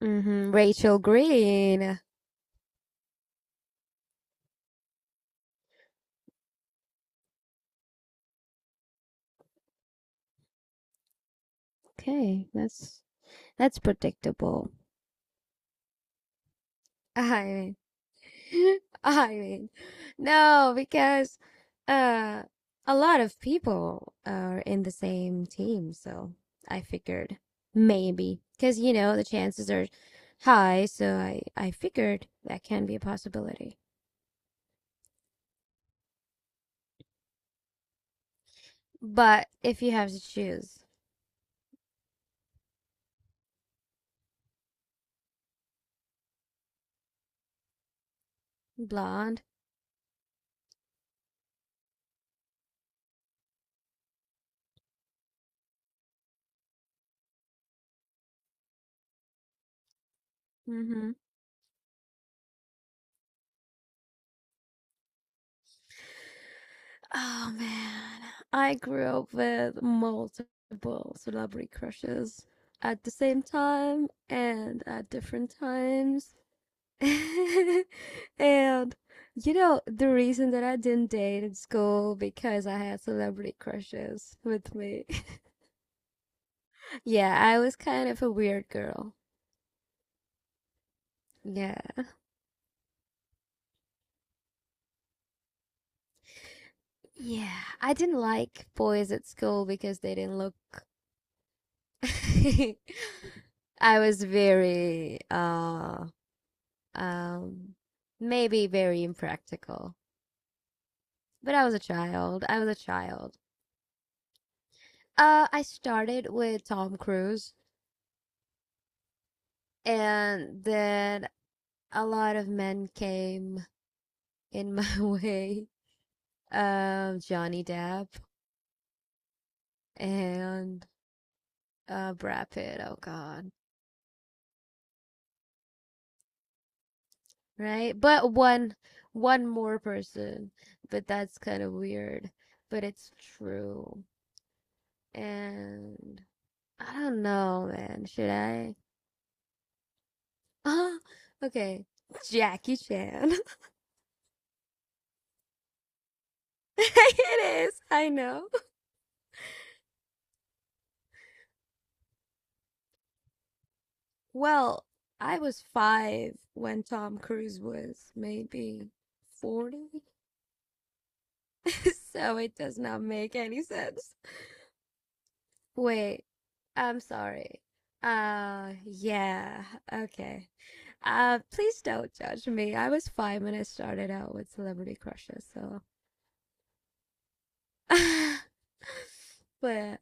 Hmm, Rachel Green. Okay, that's predictable. I I mean, no, because uh, a lot of people are in the same team, so I figured maybe because you know the chances are high, so I figured that can be a possibility. But if you have to choose blonde, mm-hmm. Oh man, I grew up with multiple celebrity crushes at the same time and at different times. And you know, the reason that I didn't date in school because I had celebrity crushes with me. Yeah, I was kind of a weird girl. Yeah. Yeah, I didn't like boys at school because they didn't look I was very Um, maybe very impractical. But I was a child. I was a child. I started with Tom Cruise, and then a lot of men came in my way. Johnny Depp and Brad Pitt. Oh God, right? But one more person. But that's kind of weird. But it's true. And I don't know, man. Should I? Ah, okay. Jackie Chan. It is, I know. Well, I was five when Tom Cruise was maybe 40, so it does not make any sense. Wait, I'm sorry. Yeah, okay. Please don't judge me. I was five when I started out with celebrity crushes, so. But,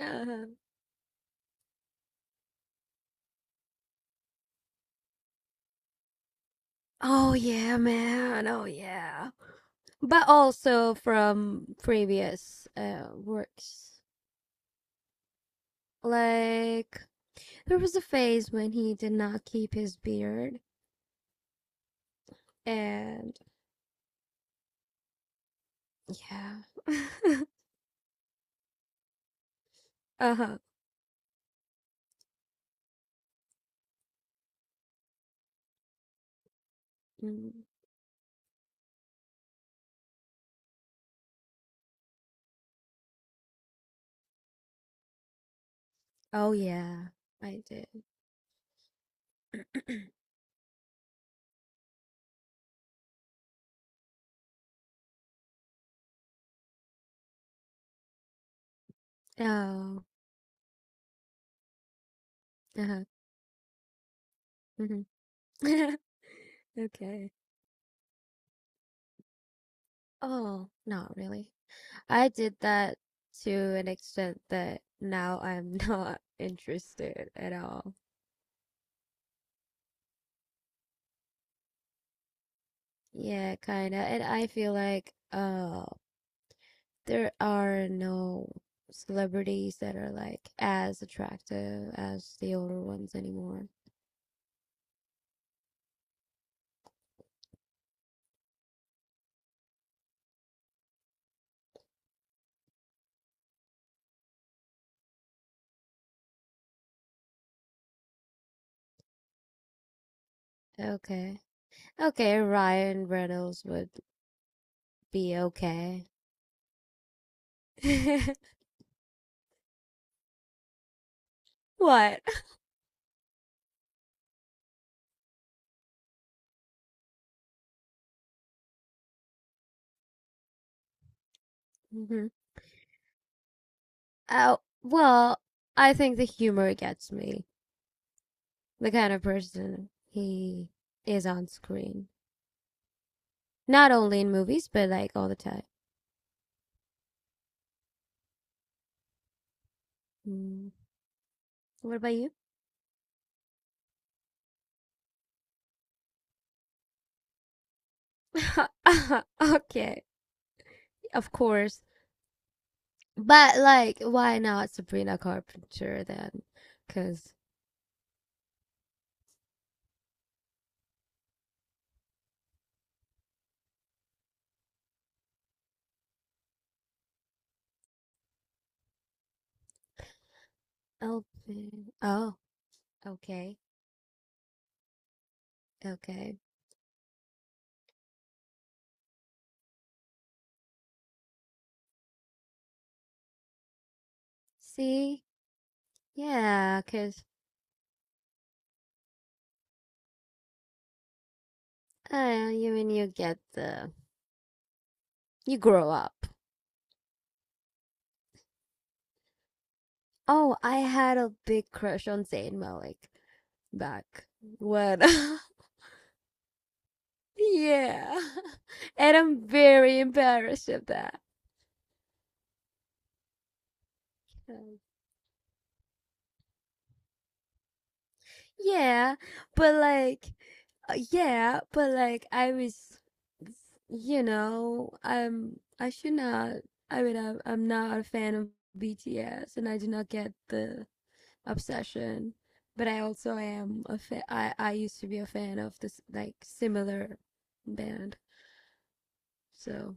uh, oh yeah, man. Oh yeah. But also from previous works. Like there was a phase when he did not keep his beard, and yeah, uh huh. Oh yeah, I did. Oh, uh huh. Hmm. Okay. Oh, not really. I did that to an extent that now I'm not interested at all. Yeah, kinda. And I feel like, oh, there are no celebrities that are like as attractive as the older ones anymore. Okay. Okay, Ryan Reynolds would be okay. What? Hmm. Oh, well, I think the humor gets me. The kind of person he is on screen. Not only in movies, but like all the time. Mm. What about you? Okay, of course. But like, why not Sabrina Carpenter then? Because Elvin. Oh, okay, okay. See, yeah, because you mean you get the you grow up. Oh, I had a big crush on Zayn Malik back when Yeah. And I'm very embarrassed of that. Um, Yeah, but like, I was, I should not, I'm not a fan of BTS and I do not get the obsession, but I also am a fan, I used to be a fan of this, like, similar band. So,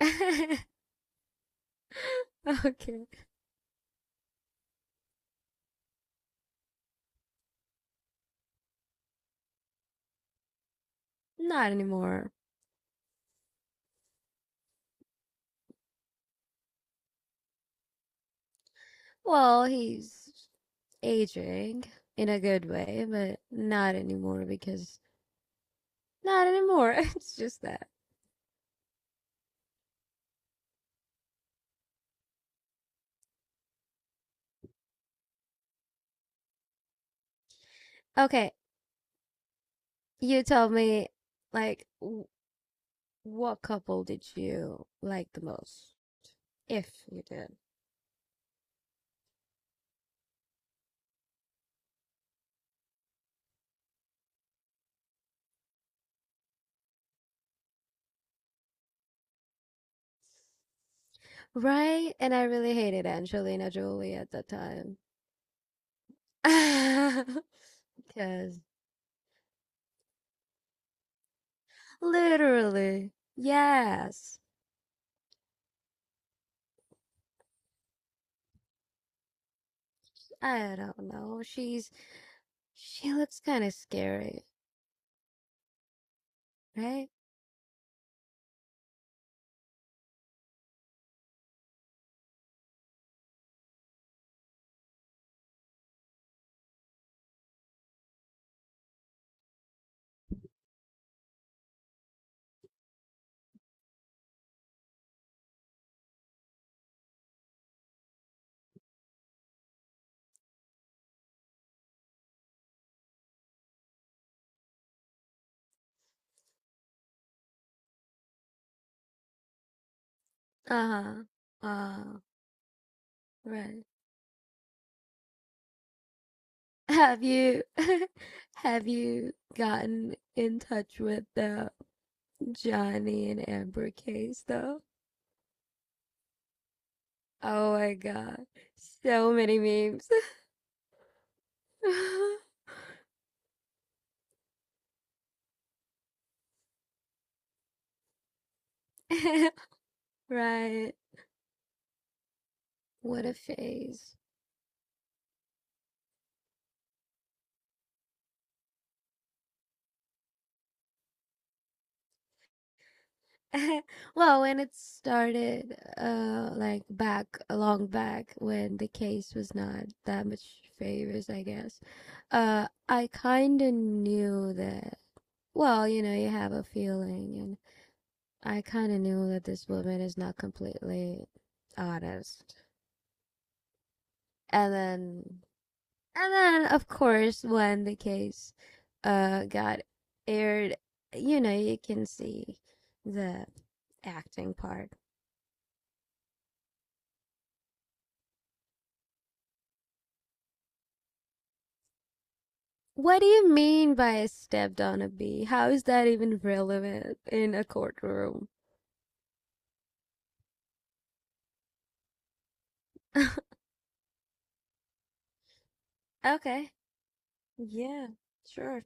okay, not anymore. Well, he's aging in a good way, but not anymore because not anymore. It's just that. Okay, you tell me, like, what couple did you like the most? If you did. Right? And I really hated Angelina Jolie at that time. Because literally, yes. I don't know. She looks kind of scary, right? Uh huh. Right. Have you have you gotten in touch with the Johnny and Amber case though? Oh my God. So many memes. Right. What a phase. Well, when it started, like back, long back when the case was not that much favors, I guess. I kind of knew that. Well, you know, you have a feeling and I kind of knew that this woman is not completely honest. And then, and then, of course, when the case got aired, you know, you can see the acting part. What do you mean by stepped on a bee? How is that even relevant in a courtroom? Okay. Yeah, sure.